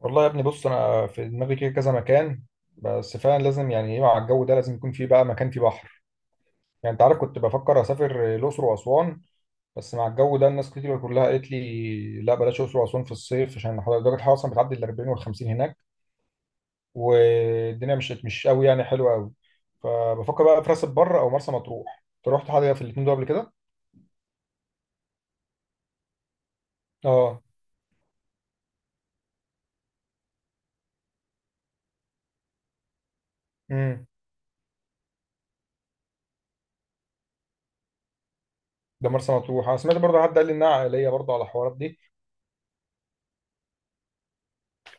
والله يا ابني، بص انا في دماغي كده كذا مكان. بس فعلا لازم يعني ايه، مع الجو ده لازم يكون فيه بقى مكان فيه بحر. يعني انت عارف، كنت بفكر اسافر الاقصر واسوان. بس مع الجو ده الناس كتير كلها قالت لي لا بلاش الاقصر واسوان في الصيف عشان درجه الحراره اصلا بتعدي ال 40 وال 50 هناك. والدنيا مش قوي يعني حلوه قوي. فبفكر بقى في راس البر او مرسى مطروح، انت رحت حاجه في الاثنين دول قبل كده؟ اه. امم. ده مرسى مطروح انا سمعت برضه حد قال لي انها عائليه برضه على الحوارات دي.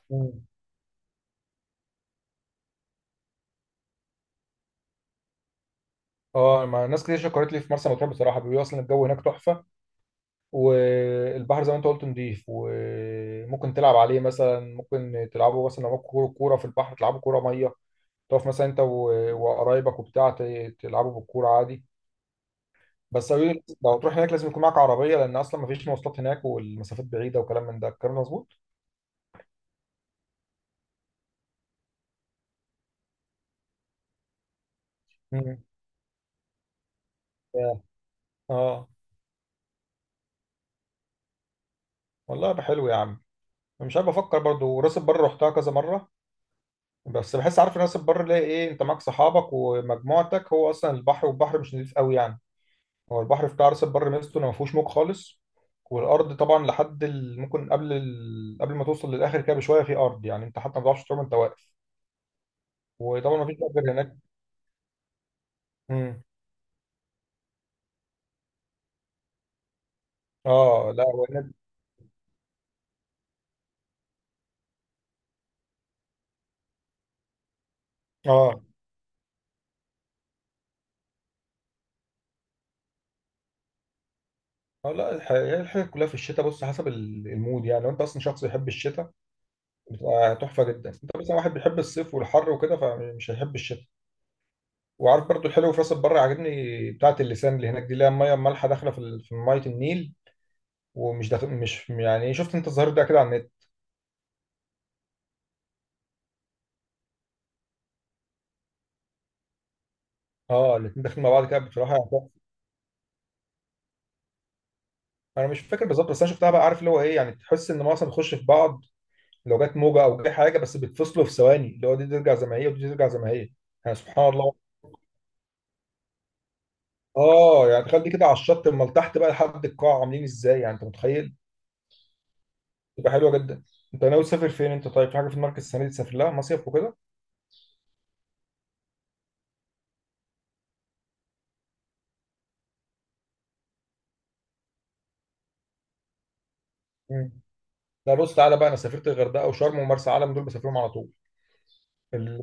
مم. اه، ما ناس كتير شكرت لي في مرسى مطروح بصراحه، بيقولوا اصلا الجو هناك تحفه. والبحر زي ما انت قلت نضيف وممكن تلعب عليه، مثلا ممكن تلعبوا مثلا لو معاك كوره، كورة في البحر تلعبوا كوره ميه. تقف مثلا انت وقرايبك وبتاع تلعبوا بالكوره عادي. بس أوي- لو هتروح هناك لازم يكون معاك عربيه لان اصلا مفيش مواصلات هناك، والمسافات بعيده وكلام من ده، الكلام ده مظبوط؟ مم. اه. آه. والله يبقى حلو يا عم. مش عارف، افكر برضو راس البر رحتها كذا مره. بس بحس، عارف راس البر ليه ايه؟ انت معاك صحابك ومجموعتك، هو اصلا البحر، والبحر مش نضيف قوي يعني. هو البحر بتاع راس البر ميزته انه ما فيهوش موج خالص. والارض طبعا لحد ال... ممكن قبل، ال... قبل ما توصل للاخر كده بشويه في ارض، يعني انت حتى ما تعرفش تقوم، انت واقف. وطبعا ما فيش غير هناك. امم. اه لا هو هناك. اه. اه لا هي الحاجة كلها في الشتاء، بص حسب المود يعني. لو انت اصلا شخص بيحب الشتاء بتبقى تحفة جدا. انت مثلا واحد بيحب الصيف والحر وكده، فمش هيحب الشتاء. وعارف برضو الحلو في راس البر عاجبني، بتاعة اللسان اللي هناك دي، اللي هي المية المالحة داخلة في في مية النيل. ومش داخل، مش، يعني شفت انت الظاهر ده كده على النت. اه، الاتنين داخلين مع بعض كده بصراحه يعني تحفة. انا مش فاكر بالظبط، بس انا شفتها بقى، عارف اللي هو ايه، يعني تحس ان معظم بيخش في بعض. لو جت موجه او جه حاجه بس، بيتفصلوا في ثواني، اللي هو دي ترجع زي ما هي ودي ترجع زي ما هي. يعني سبحان الله. اه يعني تخيل دي كده على الشط، امال تحت بقى لحد القاع عاملين ازاي، يعني انت متخيل؟ تبقى حلوه جدا. انت ناوي تسافر فين انت؟ طيب في حاجه في دماغك السنه دي تسافر لها مصيف وكده؟ مم. لا بص، تعالى بقى انا سافرت الغردقه وشرم ومرسى علم، دول بسافرهم على طول. ال-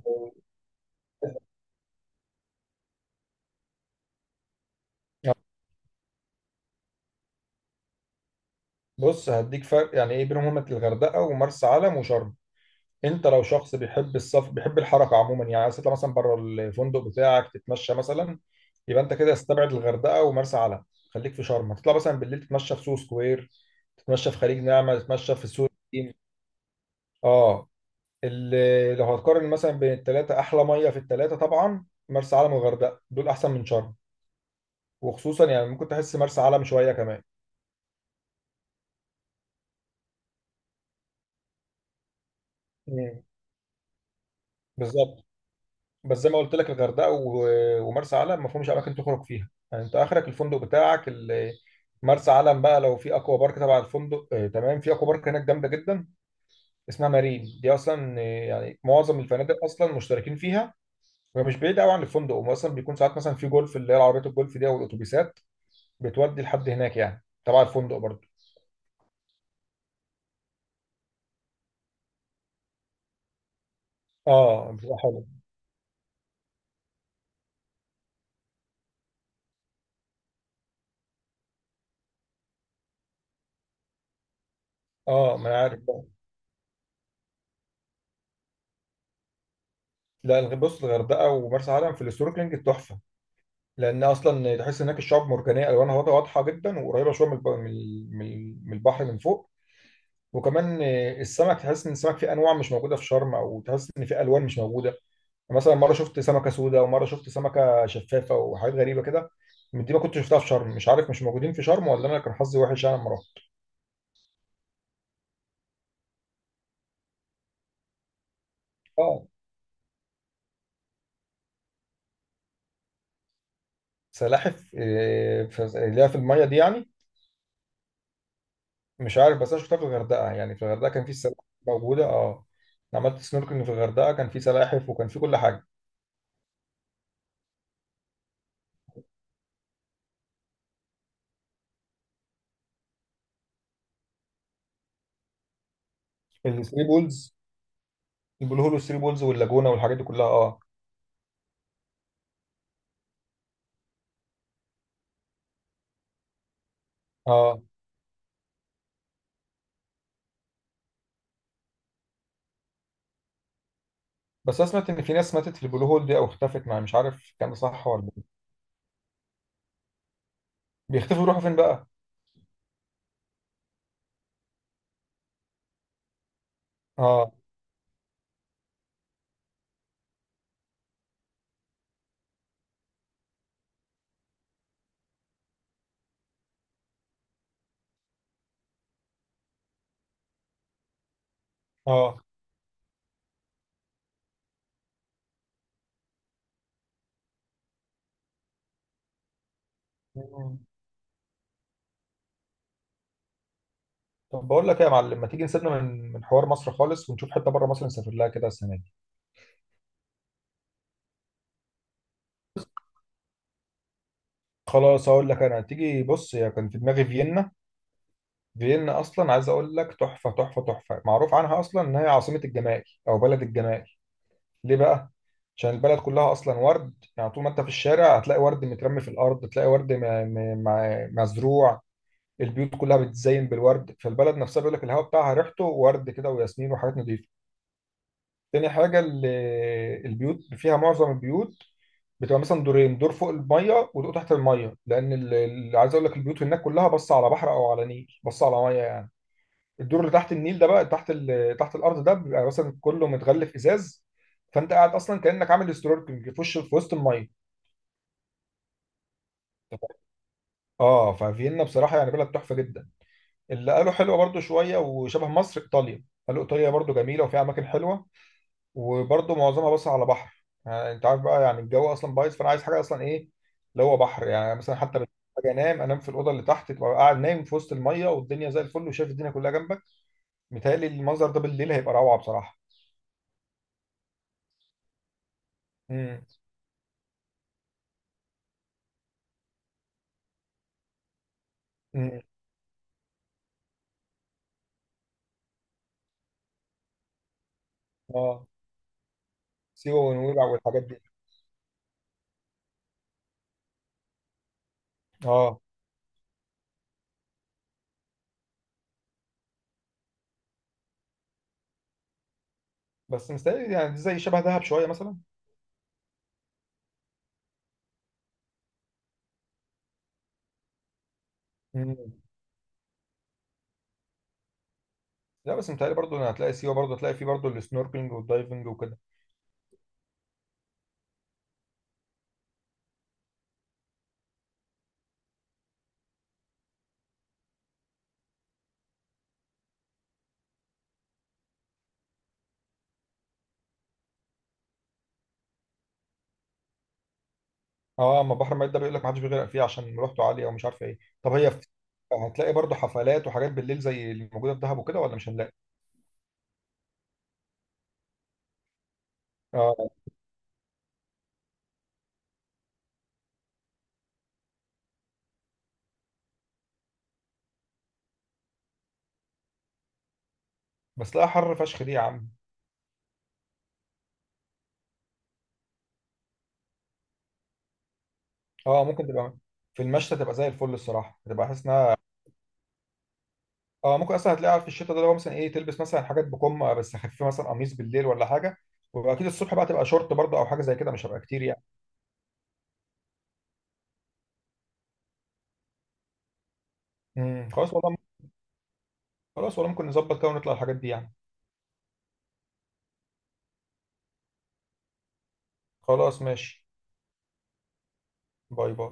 بص، هديك فرق يعني ايه بينهم، هما الغردقه ومرسى علم وشرم. انت لو شخص بيحب السفر بيحب الحركه عموما، يعني عايز تطلع مثلا بره الفندق بتاعك تتمشى مثلا، يبقى انت كده استبعد الغردقه ومرسى علم. خليك في شرم، تطلع مثلا بالليل تتمشى في سوق سكوير، تتمشى في خليج نعمه، تتمشى في السوق القديم. اه. لو هتقارن مثلا بين الثلاثه، احلى ميه في الثلاثه طبعا مرسى علم والغردقه، دول احسن من شرم. وخصوصا يعني ممكن تحس مرسى علم شويه كمان. مم. بالظبط. بس زي ما قلت لك الغردقه ومرسى علم ما فيهمش اماكن تخرج فيها، يعني انت اخرك الفندق بتاعك. مرسى علم بقى لو في اكوا بارك تبع الفندق، تمام، في اكوا بارك هناك جامده جدا. اسمها مارين دي اصلا، يعني معظم الفنادق اصلا مشتركين فيها. وهي مش بعيده قوي عن الفندق، واصلا بيكون ساعات مثلا في جولف، اللي هي العربيات الجولف دي او الاتوبيسات بتودي لحد هناك يعني، تبع الفندق برضه. اه بتبقى حلوه. اه ما انا عارف بقى. لا بص، الغردقه ومرسى علم في السنوركلينج تحفه. لان اصلا تحس هناك الشعاب مرجانيه الوانها واضحة جدا، وقريبه شويه من من البحر من فوق. وكمان السمك تحس ان السمك فيه انواع مش موجوده في شرم، او تحس ان فيه الوان مش موجوده. يعني مثلا مره شفت سمكه سوداء، ومره شفت سمكه شفافه، وحاجات غريبه كده من دي ما كنتش شفتها في شرم. مش عارف، مش موجودين في شرم ولا انا كان حظي وحش انا لما رحت. اه. سلاحف، اللي هي في الميه دي يعني. مش عارف، بس انا شفتها في الغردقه، يعني في الغردقه كان في سلاحف موجوده اه. أنا عملت سنوركلينج في الغردقه، كان في سلاحف وكان في كل حاجه. الثري بولز. البلو هول والثري بولز واللاجونة والحاجات دي كلها اه. اه بس انا سمعت ان في ناس ماتت في البلو هول دي او اختفت، مع مش عارف كان ده صح ولا لا. بيختفوا يروحوا فين بقى؟ اه. اه. مم. طب بقول لك ايه يا معلم، ما تيجي نسيبنا من حوار مصر خالص ونشوف حته بره مصر نسافر لها كده السنه دي؟ خلاص هقول لك، انا تيجي بص، هي كان في دماغي فيينا. فيينا اصلا عايز اقول لك تحفه تحفه تحفه، معروف عنها اصلا ان هي عاصمه الجمال او بلد الجمال. ليه بقى؟ عشان البلد كلها اصلا ورد، يعني طول ما انت في الشارع هتلاقي ورد مترمي في الارض، تلاقي ورد مزروع. البيوت كلها بتزين بالورد، فالبلد نفسها بيقول لك الهواء بتاعها ريحته ورد كده وياسمين وحاجات نظيفه. تاني حاجه، البيوت فيها، معظم البيوت بتبقى مثلا دورين، دور فوق الميه ودور تحت الميه. لان عايز اقول لك البيوت هناك كلها بص على بحر او على نيل، بص على ميه يعني. الدور اللي تحت النيل ده بقى، تحت ال... تحت الارض ده بيبقى مثلا كله متغلف ازاز. فانت قاعد اصلا كانك عامل سنوركلينج في وش، في وسط الميه. اه ففيينا بصراحه يعني بلد تحفه جدا. اللي قالوا حلوه برضو شويه وشبه مصر ايطاليا، قالوا ايطاليا برضو جميله وفيها اماكن حلوه. وبرضو معظمها بس على بحر، يعني انت عارف بقى، يعني الجو اصلا بايظ، فانا عايز حاجه اصلا ايه، اللي هو بحر يعني. مثلا حتى لما اجي انام، انام في الاوضه اللي تحت، تبقى قاعد نايم في وسط الميه والدنيا زي الفل، وشايف الدنيا كلها جنبك. متهيألي المنظر ده بالليل هيبقى روعه بصراحه. امم. اه سيوه ونويبع والحاجات دي. اه بس مستاهل يعني، دي زي شبه دهب شويه مثلا. مم. لا بس متهيألي برضه إن هتلاقي سيوه، برضه هتلاقي فيه برضه السنوركلينج والدايفنج وكده. اه، اما بحر ميت ده بيقول لك ما حدش بيغرق فيه عشان مروحته عاليه او مش عارف ايه. طب هي في، هتلاقي برضه حفلات وحاجات بالليل زي اللي موجوده في دهب وكده، ولا مش هنلاقي؟ اه. بس لا حر فشخ دي يا عم. اه ممكن تبقى، في المشتى تبقى زي الفل الصراحه، تبقى حاسس انها، اه ممكن اصلا هتلاقيها في الشتاء ده، اللي هو مثلا ايه، تلبس مثلا حاجات بكم بس خفيفه، مثلا قميص بالليل ولا حاجه. واكيد الصبح بقى تبقى شورت برضه او حاجه زي كده، مش هبقى كتير يعني. خلاص والله. خلاص والله ممكن نظبط كده ونطلع الحاجات دي يعني. خلاص ماشي. باي باي.